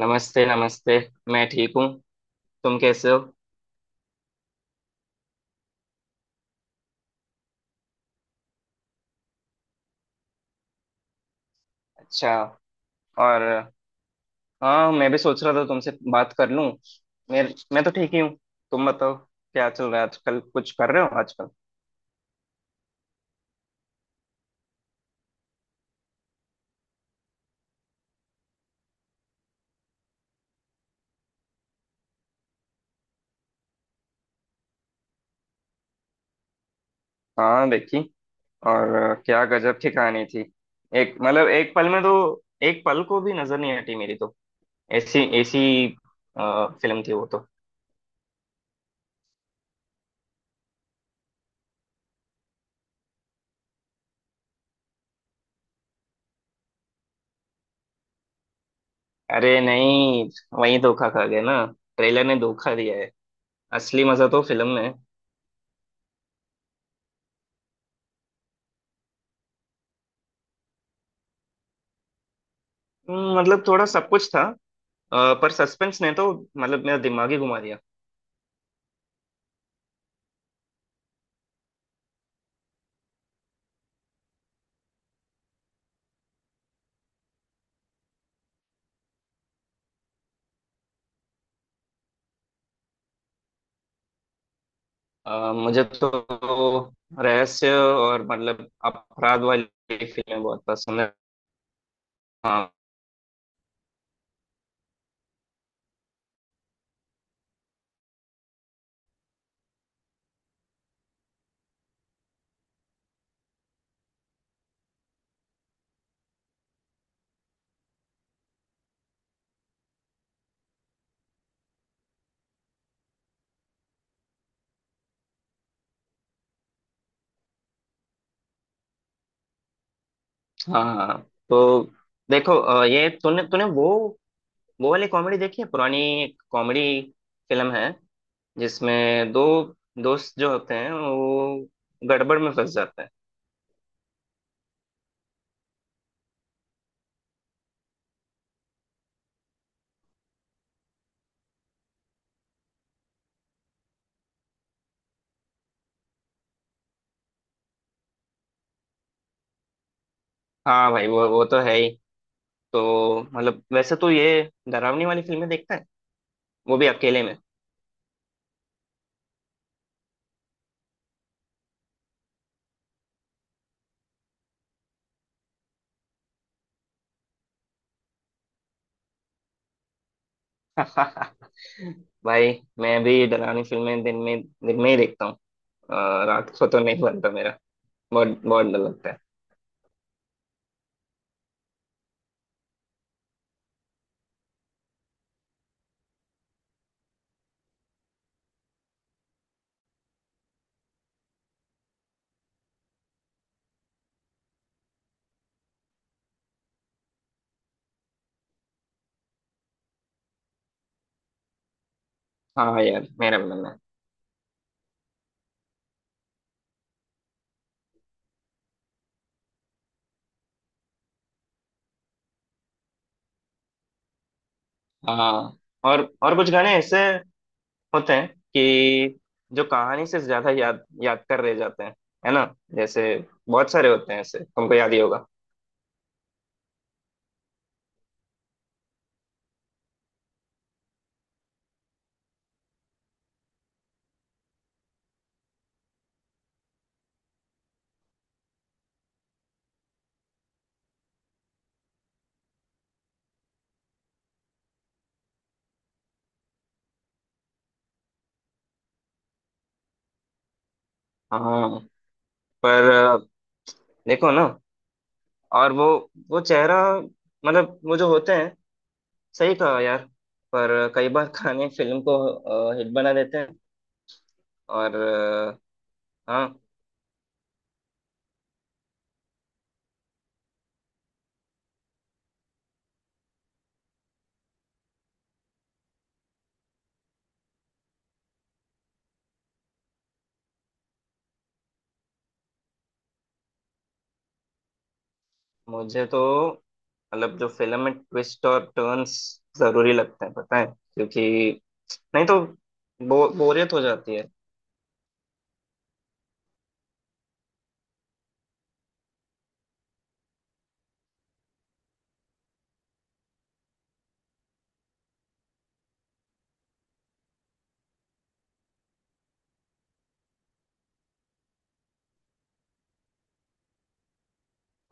नमस्ते नमस्ते। मैं ठीक हूँ। तुम कैसे हो? अच्छा। और हाँ, मैं भी सोच रहा था तुमसे बात कर लूँ। मैं मैं तो ठीक ही हूँ। तुम बताओ, क्या चल रहा है आजकल? कुछ कर रहे हो आजकल? हाँ, देखी। और क्या गजब की कहानी थी। एक मतलब एक पल में तो एक पल को भी नजर नहीं हटी मेरी तो। ऐसी ऐसी फिल्म थी वो तो। अरे नहीं, वही धोखा खा गया ना। ट्रेलर ने धोखा दिया है। असली मजा तो फिल्म में है। मतलब थोड़ा सब कुछ था। पर सस्पेंस ने तो मतलब मेरा दिमाग ही घुमा दिया। मुझे तो रहस्य और मतलब अपराध वाली फिल्में बहुत पसंद है। हाँ हाँ। हाँ तो देखो, ये तूने तूने वो वाली कॉमेडी देखी है पुरानी? एक कॉमेडी फिल्म है जिसमें दो दोस्त जो होते हैं वो गड़बड़ में फंस जाते हैं। हाँ भाई, वो तो है ही। तो मतलब वैसे तो ये डरावनी वाली फिल्में देखता है, वो भी अकेले में। भाई, मैं भी डरावनी फिल्में दिन में ही देखता हूँ। रात को तो नहीं बनता मेरा। बहुत बहुत डर लगता है। हाँ यार, मेरा भी बनना है। हाँ, और कुछ गाने ऐसे होते हैं कि जो कहानी से ज्यादा याद याद कर रह जाते हैं, है ना? जैसे बहुत सारे होते हैं ऐसे, तुमको याद ही होगा। हाँ, पर देखो ना। और वो चेहरा, मतलब वो जो होते हैं। सही कहा यार। पर कई बार गाने फिल्म को हिट बना देते हैं। और हाँ। मुझे तो मतलब जो फिल्म में ट्विस्ट और टर्न्स जरूरी लगते हैं, पता है, क्योंकि नहीं तो बोरियत हो जाती है।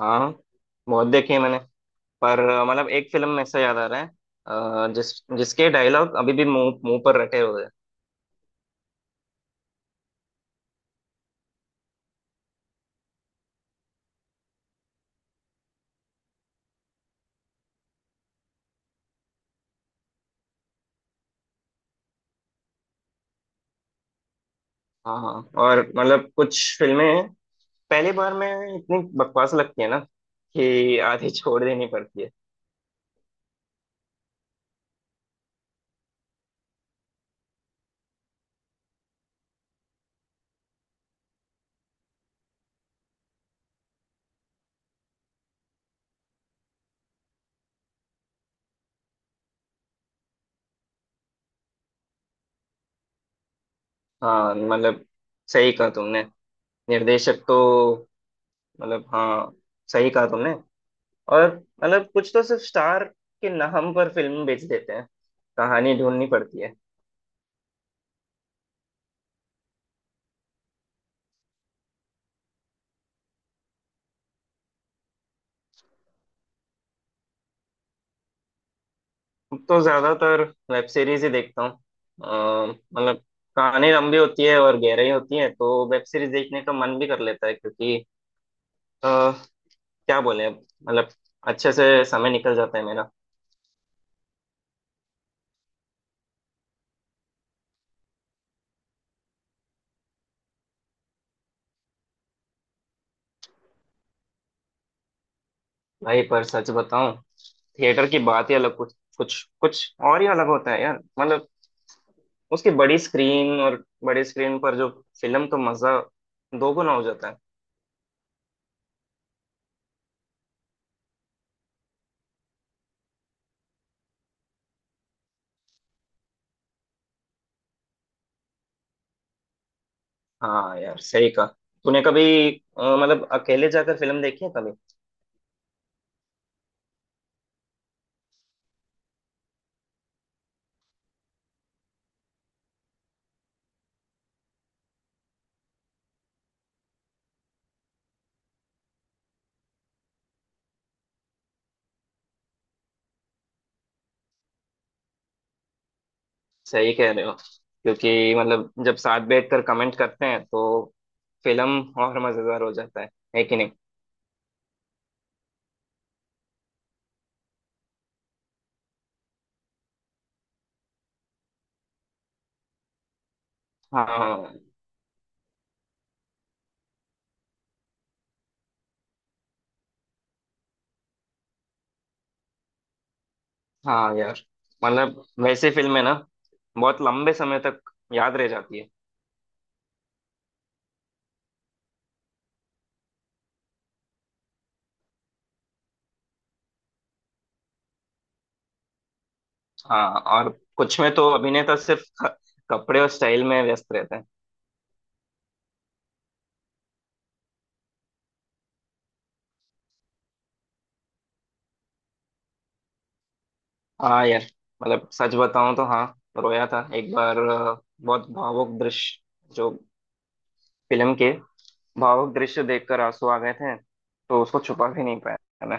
हाँ, बहुत देखी है मैंने। पर मतलब एक फिल्म में से याद आ रहा है। अ, जिस जिसके डायलॉग अभी भी मुंह मुंह पर रटे हुए हैं। हाँ हाँ। और मतलब कुछ फिल्में पहली बार में इतनी बकवास लगती है ना कि आधी छोड़ देनी पड़ती है। हाँ मतलब, सही कहा तुमने। निर्देशक तो मतलब हाँ, सही कहा तुमने। और मतलब कुछ तो सिर्फ स्टार के नाम पर फिल्म बेच देते हैं, कहानी ढूंढनी पड़ती है। अब तो ज्यादातर वेब सीरीज ही देखता हूँ। मतलब कहानी लंबी होती है और गहराई होती है, तो वेब सीरीज देखने का मन भी कर लेता है क्योंकि अ, क्या बोले अब, मतलब अच्छे से समय निकल जाता है मेरा। भाई पर सच बताऊं, थिएटर की बात ही अलग, कुछ कुछ कुछ और ही अलग होता है यार। मतलब उसकी बड़ी स्क्रीन और बड़ी स्क्रीन पर जो फिल्म का मजा दोगुना हो जाता है। हाँ यार, सही कहा। तूने कभी मतलब अकेले जाकर फिल्म देखी है कभी? सही कह रहे हो, क्योंकि मतलब जब साथ बैठकर कमेंट करते हैं तो फिल्म और मजेदार हो जाता है। है कि नहीं? हाँ। हाँ यार, मतलब वैसे फिल्में ना बहुत लंबे समय तक याद रह जाती है। हाँ, और कुछ में तो अभिनेता सिर्फ कपड़े और स्टाइल में व्यस्त रहते हैं। हाँ यार, मतलब सच बताऊं तो हाँ, रोया था एक बार। बहुत भावुक दृश्य जो फिल्म के भावुक दृश्य देखकर आंसू आ गए थे, तो उसको छुपा भी नहीं पाया मैंने।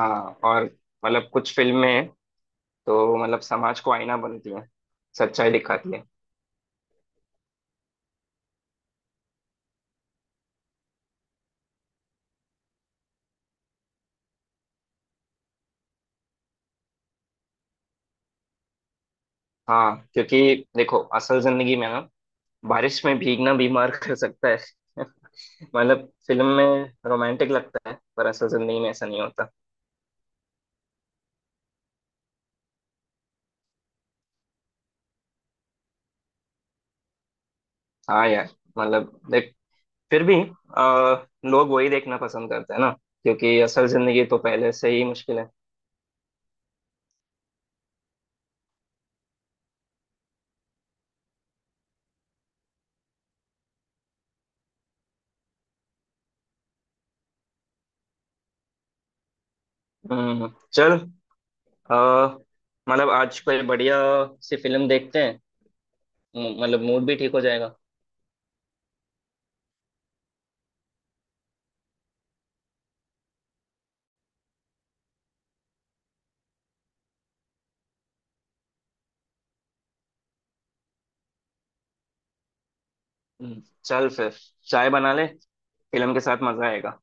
हाँ, और मतलब कुछ फिल्में तो मतलब समाज को आईना बनती है, सच्चाई दिखाती है। हाँ, क्योंकि देखो असल जिंदगी में ना बारिश में भीगना बीमार कर सकता है। मतलब फिल्म में रोमांटिक लगता है पर असल जिंदगी में ऐसा नहीं होता। हाँ यार, मतलब देख, फिर भी आ, लोग वही देखना पसंद करते हैं ना, क्योंकि असल जिंदगी तो पहले से ही मुश्किल है। हम्म, चल। अ, मतलब आज कोई बढ़िया सी फिल्म देखते हैं, मतलब मूड भी ठीक हो जाएगा। चल फिर, चाय बना ले, फिल्म के साथ मजा आएगा।